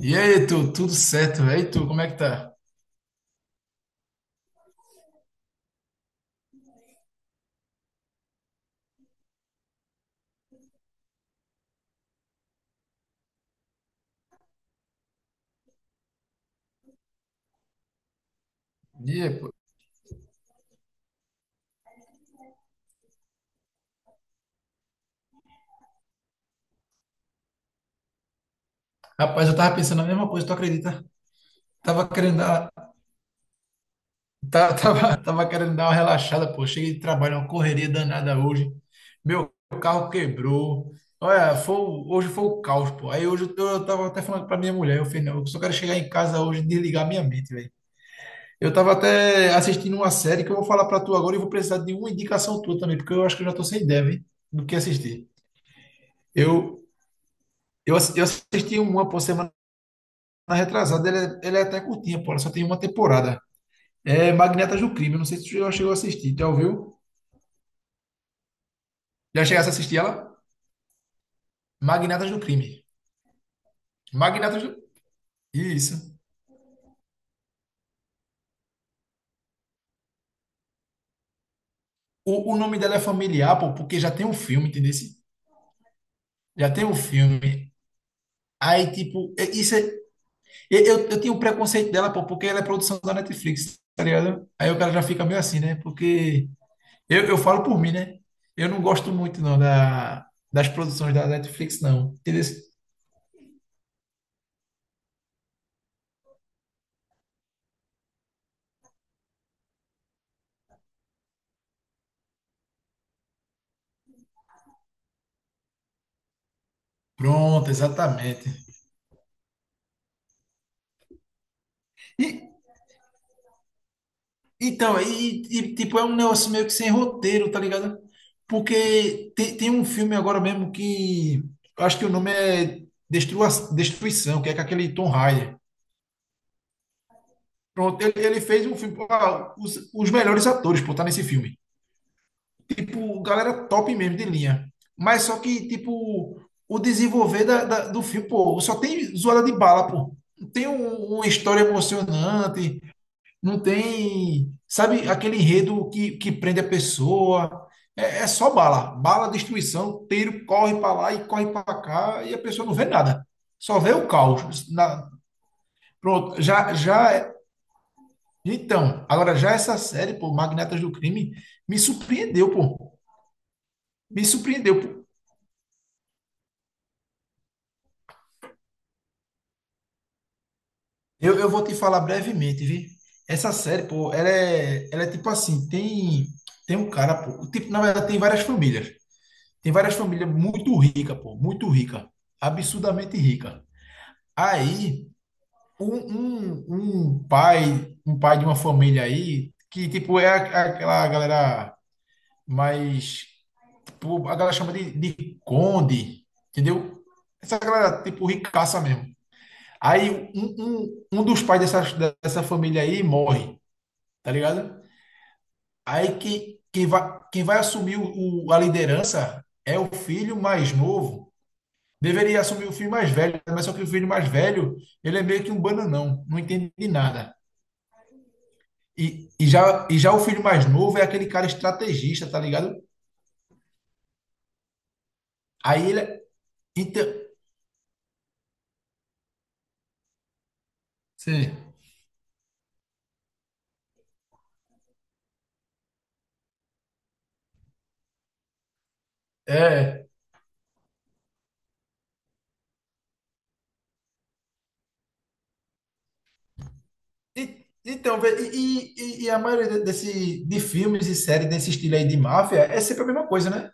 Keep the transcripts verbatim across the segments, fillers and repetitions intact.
E aí, tu, tudo certo? E aí, tu, como é que tá? E aí, pô? Rapaz, eu tava pensando a mesma coisa, tu acredita? Tava querendo dar, tá- tava, tava querendo dar uma relaxada, pô. Cheguei de trabalho, uma correria danada hoje. Meu carro quebrou. Olha, foi, o- hoje foi o caos, pô. Aí hoje eu, eu tava até falando pra minha mulher, eu falei, não, eu só quero chegar em casa hoje e desligar minha mente, velho. Eu tava até assistindo uma série que eu vou falar pra tu agora e vou precisar de uma indicação tua também, porque eu acho que eu já tô sem ideia, velho, do que assistir. Eu, eu, ass- eu assisti uma por semana na retrasada, ele é, ele é até curtinha, pô, ela só tem uma temporada. É Magnatas do Crime, não sei se tu já chegou a assistir, já ouviu? Já chegasse a assistir ela? Magnatas do Crime. Magnatas do... Isso. O, o nome dela é familiar, pô, porque já tem um filme, entendeu? Já tem um filme. Aí, tipo, é- isso é. Eu, eu, eu tinha um preconceito dela, pô, porque ela é produção da Netflix, tá ligado? Aí o cara já fica meio assim, né? Porque eu, eu falo por mim, né? Eu não gosto muito, não, da, das produções da Netflix, não. Entendeu? Pronto, exatamente. E, então, e, e, tipo, é um negócio meio que sem roteiro, tá ligado? Porque tem, tem um filme agora mesmo que eu acho que o nome é Destrua, Destruição, que é com aquele Tom Hyde. Pronto, ele, ele fez um filme. Pô, ah, os, os melhores atores, pô, tá nesse filme. Tipo, galera top mesmo de linha. Mas só que, tipo, o desenvolver da, da- do filme, pô, só tem zoada de bala, pô. Não tem um- uma história emocionante, não tem, sabe, aquele enredo que, que prende a pessoa. É, é só bala, bala, destruição, tiro, corre para lá e corre para cá e a pessoa não vê nada. Só vê o caos. Na- pronto, já, já. é- Então, agora já essa série, pô, Magnatas do Crime, me surpreendeu, pô. Me surpreendeu, pô. Eu, eu vou te falar brevemente, viu? Essa série, pô, ela é, ela é tipo assim, tem, tem um cara, pô, tipo, na verdade tem várias famílias. Tem várias famílias muito ricas, pô, muito rica, absurdamente rica. Aí, um, um, um pai, um pai de uma família aí, que tipo é a- a- aquela galera mais, tipo, a galera chama de, de conde, entendeu? Essa galera tipo ricaça mesmo. Aí um, um, um dos pais dessa, dessa família aí morre, tá ligado? Aí quem, quem vai, quem vai assumir o, o- a liderança é o filho mais novo. Deveria assumir o filho mais velho, mas só que o filho mais velho, ele é meio que um bananão, não entende de nada. E, e, já, e já o filho mais novo é aquele cara estrategista, tá ligado? Aí ele. é- Então, sim, é. E- Então, vê, e, e, e a maioria de- desse, de filmes e séries desse estilo aí de máfia é sempre a mesma coisa, né?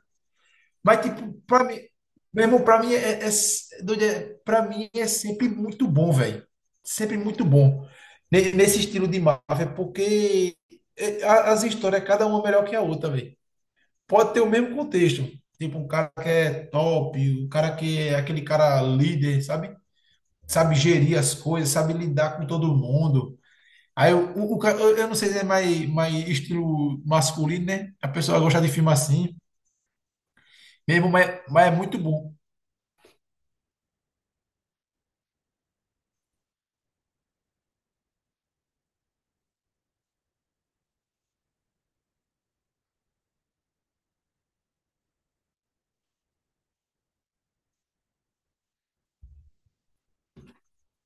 Mas, tipo, pra mim, mesmo pra mim é, é, é doido, é- pra mim é sempre muito bom, velho. Sempre muito bom. Ne- Nesse estilo de Marvel, porque é, a- as histórias, cada uma é melhor que a outra, velho. Pode ter o mesmo contexto. Tipo, um cara que é top, um cara que é aquele cara líder, sabe? Sabe gerir as coisas, sabe lidar com todo mundo. Aí o, o, o cara- eu, eu não sei se é mais, mais estilo masculino, né? A pessoa gosta de filme assim, mesmo, mas, mas é muito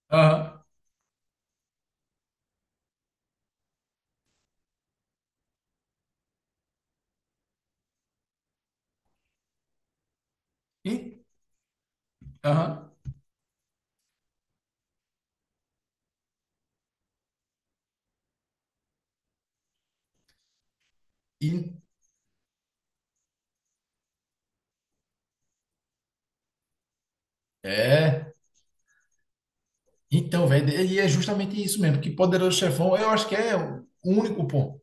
bom. E, aham, e, é, então, velho, e é justamente isso mesmo, que Poderoso Chefão, eu acho que é o único, pô.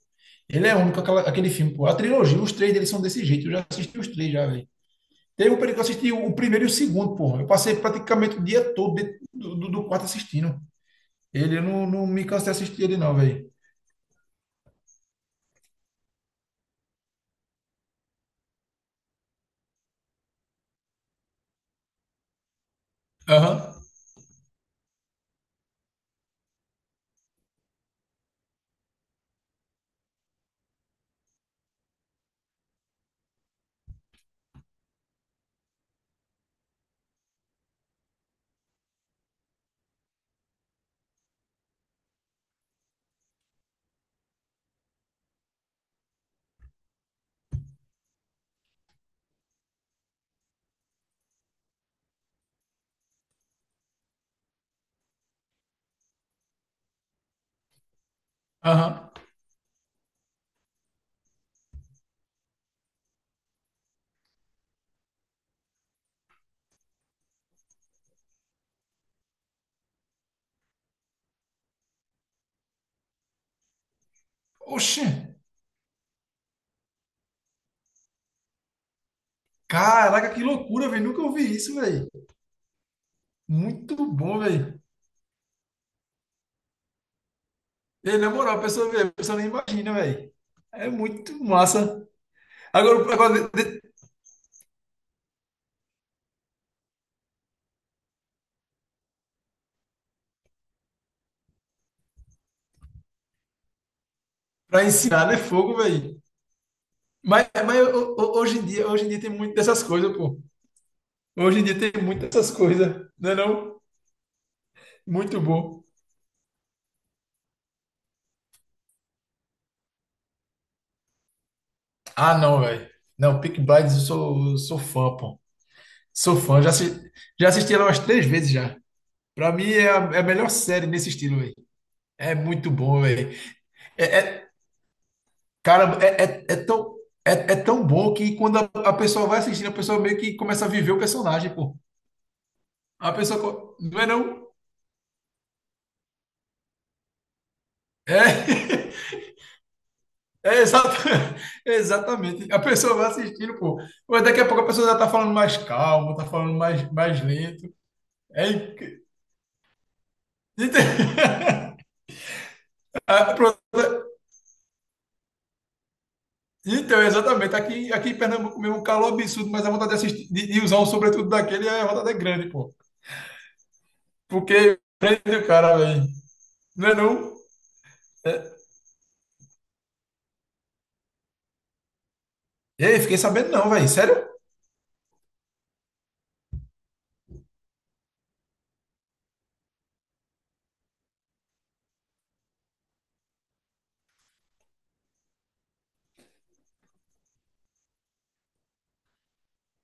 Ele é único aquela- aquele filme, pô. A trilogia, os três deles são desse jeito, eu já assisti os três já, velho. Teve um período que eu assisti o primeiro e o segundo, pô. Eu passei praticamente o dia todo dentro do, do, do quarto assistindo. Ele, eu não, não me canso de assistir ele não, velho. Aham, aham. Oxê, caraca, que loucura, velho, nunca ouvi isso, velho. Muito bom, velho. E, na moral, a pessoa vê, a pessoa nem imagina, velho. É muito massa. Agora, agora, de- de- pra ensinar, né? Fogo, velho. Mas, mas ho- ho- hoje em dia, hoje em dia tem muito dessas coisas, pô. Hoje em dia tem muito dessas coisas, né não? Muito bom. Ah, não, velho. Não, Peaky Blinders, eu sou, eu sou fã, pô. Sou fã. Já, assi- já assisti ela umas três vezes já. Pra mim é a, é a melhor série nesse estilo, velho. É muito bom, velho. Cara, é, é, é tão, é, é tão bom que quando a, a pessoa vai assistindo, a pessoa meio que começa a viver o personagem, pô. A pessoa. co- Não é não? É. É exata- Exatamente. A pessoa vai assistindo, pô. Mas daqui a pouco a pessoa já tá falando mais calmo, tá falando mais, mais lento. É incri- Ente- Ah, pronto. Então, é exatamente. Aqui, aqui em Pernambuco mesmo, um calor absurdo, mas a vontade de assistir, de, de usar um sobretudo daquele, é a vontade é grande, pô. Porque prende o cara, velho. Não é não? É. Ei, fiquei sabendo não, velho. Sério?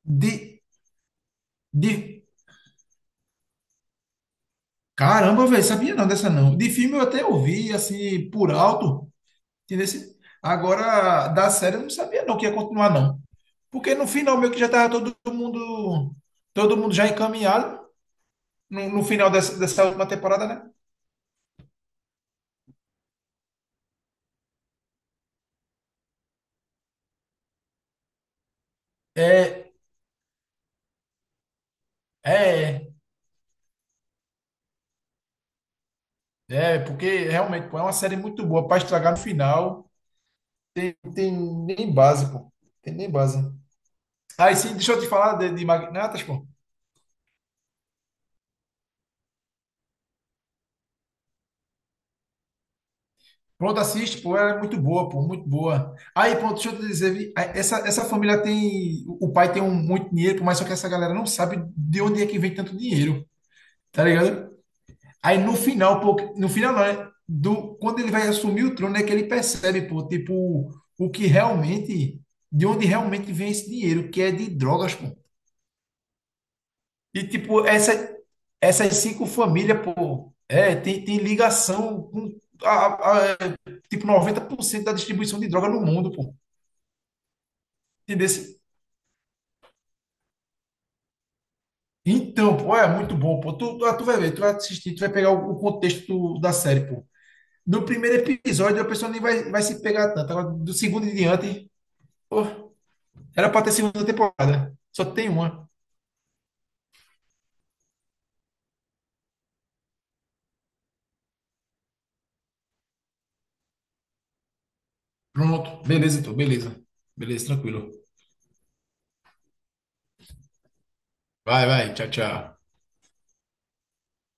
De, de... Caramba, velho, sabia não dessa não. De filme eu até ouvi, assim, por alto. entendeu? Assim? Agora, da série eu não sabia não que ia continuar não. Porque no final meio que já tava todo mundo, todo mundo já encaminhado no, no final dessa, dessa última temporada, né? É, é, é, porque realmente, pô, é uma série muito boa para estragar no final. Tem, tem nem base, pô. Tem nem base. Aí sim, deixa eu te falar de, de Magnatas, pô. Pronto, assiste, pô, ela é muito boa, pô, muito boa. Aí, pronto, deixa eu te dizer, vi, essa, essa família tem, o pai tem um, muito dinheiro, pô, mas só que essa galera não sabe de onde é que vem tanto dinheiro, tá ligado? Aí no final, pô, no final não, é do, quando ele vai assumir o trono é que ele percebe, pô, tipo, o que realmente, de onde realmente vem esse dinheiro, que é de drogas, pô. E tipo, essa, essas cinco famílias, pô, é, tem, tem ligação com, a, a- tipo, noventa por cento da distribuição de droga no mundo, pô. Entendesse? Então, pô, é muito bom, pô. Tu, tu, tu vai ver, tu vai assistir, tu vai pegar o, o contexto da série, pô. No primeiro episódio, a pessoa nem vai, vai se pegar tanto. Agora, do segundo em diante, pô, era pra ter segunda temporada. Só tem uma. Pronto. Beleza, então. Beleza. Beleza, tranquilo. Vai, vai. Tchau, tchau.